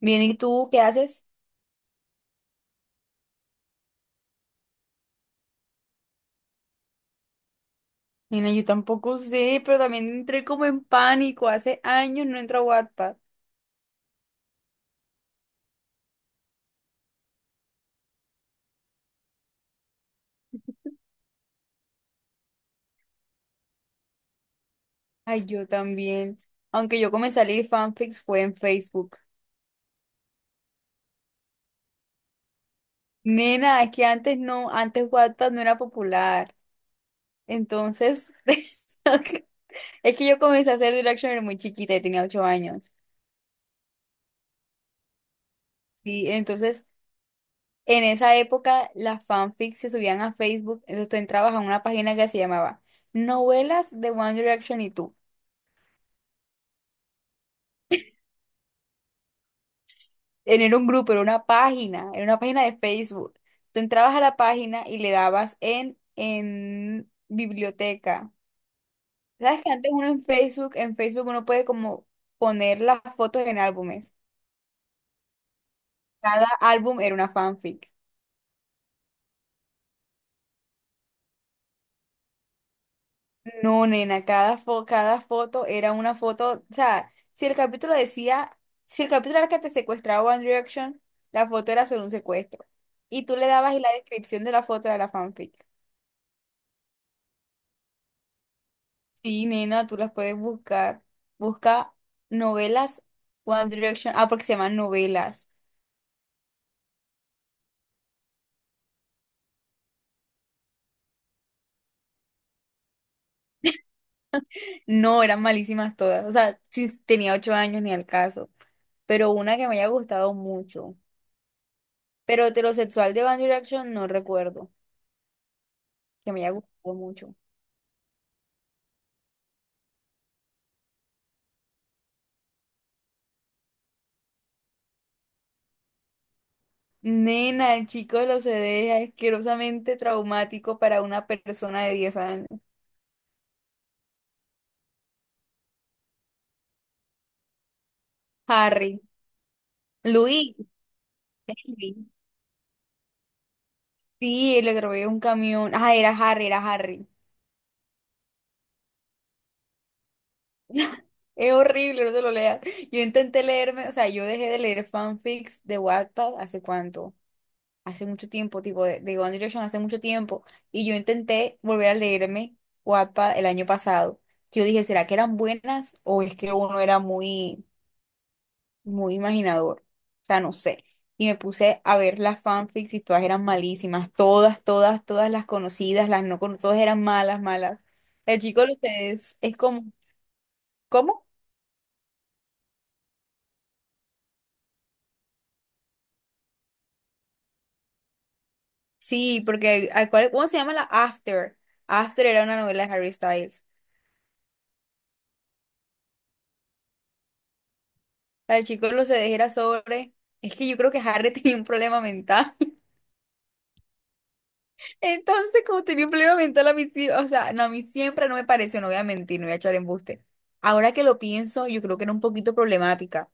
Bien, ¿y tú qué haces? Mira, yo tampoco sé, pero también entré como en pánico. Hace años no entro a Wattpad. Ay, yo también. Aunque yo comencé a leer fanfics fue en Facebook. Nena, es que antes no, antes Wattpad no era popular. Entonces, es que yo comencé a hacer Directioner muy chiquita, yo tenía 8 años. Sí, entonces, en esa época las fanfics se subían a Facebook, entonces tú entrabas a una página que se llamaba Novelas de One Direction y tú. Era un grupo, era una página de Facebook. Tú entrabas a la página y le dabas en biblioteca. ¿Sabes que antes uno en Facebook uno puede como poner las fotos en álbumes? Cada álbum era una fanfic. No, nena, cada foto era una foto. O sea, si el capítulo decía, si el capítulo era que te secuestraba One Direction, la foto era sobre un secuestro. Y tú le dabas y la descripción de la foto era la fanfic. Sí, nena, tú las puedes buscar. Busca novelas One Direction. Ah, porque se llaman novelas. No, eran malísimas todas. O sea, sí, tenía ocho años ni al caso. Pero una que me haya gustado mucho. Pero heterosexual de One Direction no recuerdo. Que me haya gustado mucho. Nena, el chico de los CDs es asquerosamente traumático para una persona de 10 años. Harry. Luis. Henry. Sí, el atropelló un camión. Ah, era Harry, era Harry. Es horrible, no te lo leas. Yo intenté leerme, o sea, yo dejé de leer fanfics de Wattpad hace cuánto, hace mucho tiempo, tipo de One Direction hace mucho tiempo, y yo intenté volver a leerme Wattpad el año pasado. Yo dije, ¿será que eran buenas o es que uno era muy, muy imaginador? O sea, no sé. Y me puse a ver las fanfics y todas eran malísimas, todas, todas, todas las conocidas, las no conocidas, todas eran malas, malas. El chico de ustedes es como, ¿cómo? Sí, porque ¿cómo se llama la After? After era una novela de Harry Styles. La chico lo se dejera sobre. Es que yo creo que Harry tenía un problema mental. Entonces, como tenía un problema mental a mí sí, o sea, no, a mí siempre no me pareció, no voy a mentir, no voy a echar embuste. Ahora que lo pienso, yo creo que era un poquito problemática.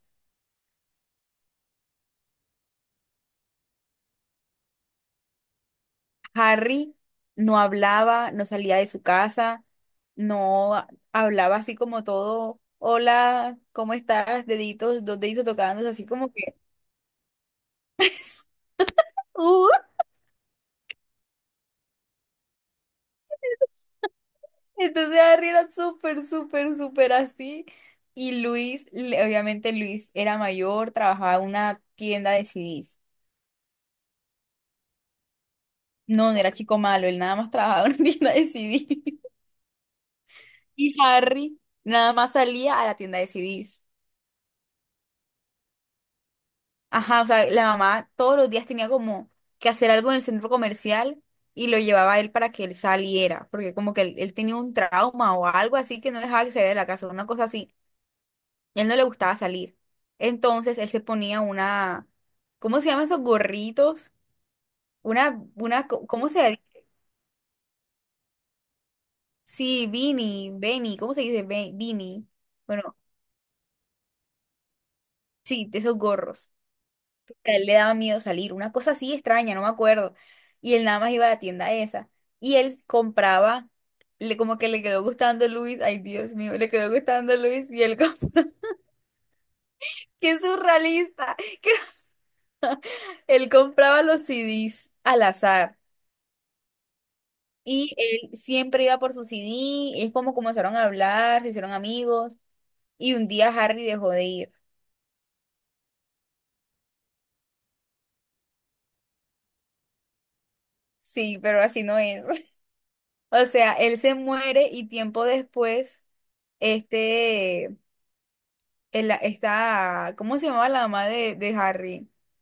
Harry no hablaba, no salía de su casa, no hablaba así como todo, hola, ¿cómo estás? Deditos, dos deditos tocándose, así como que ¡uh! Entonces Harry era súper, súper, súper así. Y Luis, obviamente Luis era mayor, trabajaba en una tienda de CDs. No, no era chico malo, él nada más trabajaba en una tienda de CDs. Y Harry nada más salía a la tienda de CDs. Ajá, o sea, la mamá todos los días tenía como que hacer algo en el centro comercial y lo llevaba a él para que él saliera, porque como que él tenía un trauma o algo así que no dejaba que saliera de la casa, una cosa así. Él no le gustaba salir. Entonces él se ponía una, ¿cómo se llaman esos gorritos? ¿Cómo se dice? Sí, beanie, ¿cómo se dice? Beanie. Bueno, sí, de esos gorros. A él le daba miedo salir, una cosa así extraña, no me acuerdo. Y él nada más iba a la tienda esa. Y él compraba, como que le quedó gustando Luis, ay Dios mío, le quedó gustando Luis y qué surrealista, que él compraba los CDs al azar. Y él siempre iba por su CD, es como comenzaron a hablar, se hicieron amigos, y un día Harry dejó de ir. Sí, pero así no es. O sea, él se muere y tiempo después, este, esta, ¿cómo se llamaba la mamá de Harry?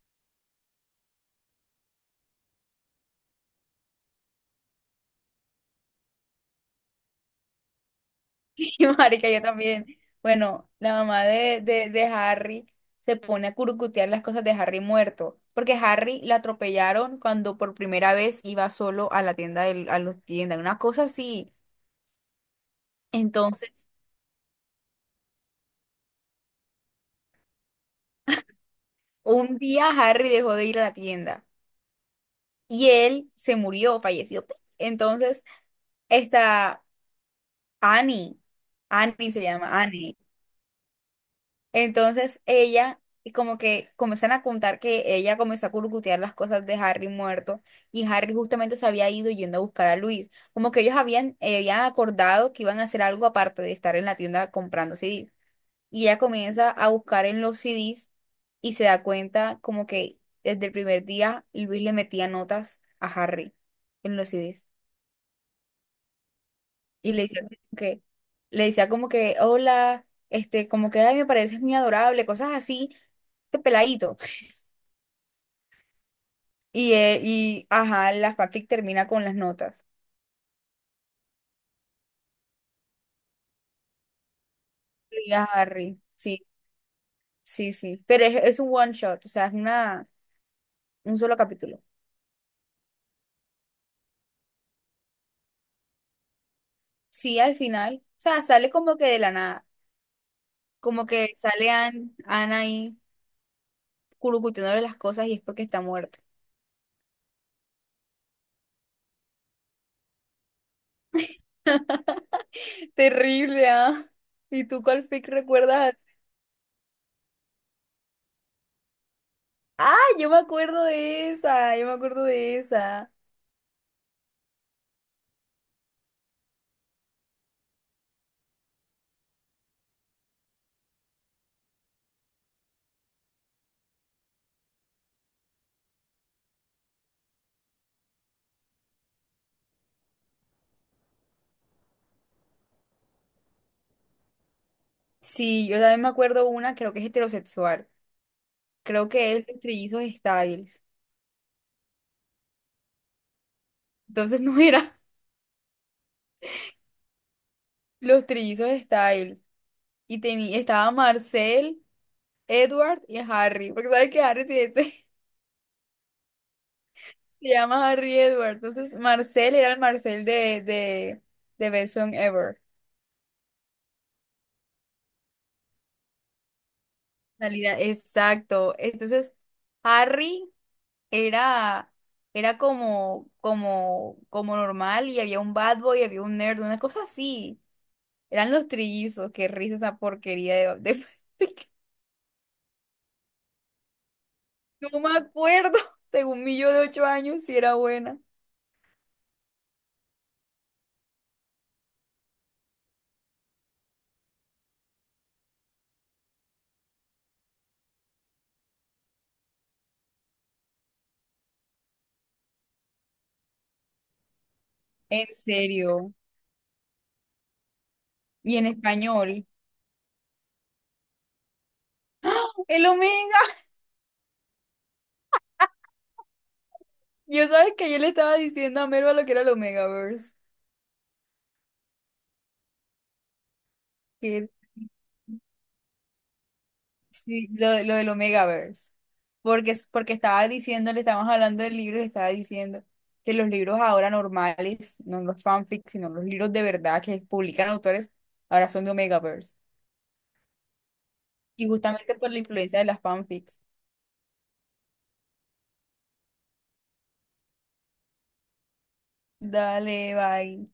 Sí, Marica, yo también. Bueno, la mamá de Harry se pone a curucutear las cosas de Harry muerto, porque Harry la atropellaron cuando por primera vez iba solo a la tienda, a los tiendas, una cosa así. Entonces, un día Harry dejó de ir a la tienda y él se murió, falleció. Entonces, esta Annie, Annie se llama Annie. Entonces, ella y como que comienzan a contar que ella comenzó a curcutear las cosas de Harry muerto y Harry justamente se había ido yendo a buscar a Luis. Como que ellos habían acordado que iban a hacer algo aparte de estar en la tienda comprando CDs. Y ella comienza a buscar en los CDs y se da cuenta como que desde el primer día Luis le metía notas a Harry en los CDs. Y le decía como que, hola, este, como que, ay, me pareces muy adorable, cosas así, este peladito. Y ajá, la fanfic termina con las notas. Y a Harry, sí, sí, sí. Pero es un one shot, o sea, un solo capítulo. Sí, al final, o sea, sale como que de la nada. Como que sale Anne Ana ahí curucuteándole las cosas y es porque está muerto. Terrible, ¿ah? ¿Y tú cuál fic recuerdas? Así? Ah, yo me acuerdo de esa, yo me acuerdo de esa. Sí, yo también me acuerdo una, creo que es heterosexual. Creo que es los trillizos Styles. Entonces no era los trillizos Styles. Y tenía, estaba Marcel, Edward y Harry. Porque sabes que Harry sí, ese, se llama Harry Edward. Entonces Marcel era el Marcel de Best Song Ever. Salida, exacto. Entonces, Harry era, era como normal y había un bad boy, había un nerd, una cosa así. Eran los trillizos, qué risa esa porquería No me acuerdo, según mi yo de 8 años, si era buena. En serio. Y en español. ¡Ah! ¡El Omega! Yo sabes que yo le estaba diciendo a Merva lo que era el Omegaverse. Sí, lo del Omegaverse. Porque, es porque estaba diciendo, le estábamos hablando del libro y le estaba diciendo que los libros ahora normales, no los fanfics, sino los libros de verdad que publican autores, ahora son de Omegaverse. Y justamente por la influencia de las fanfics. Dale, bye.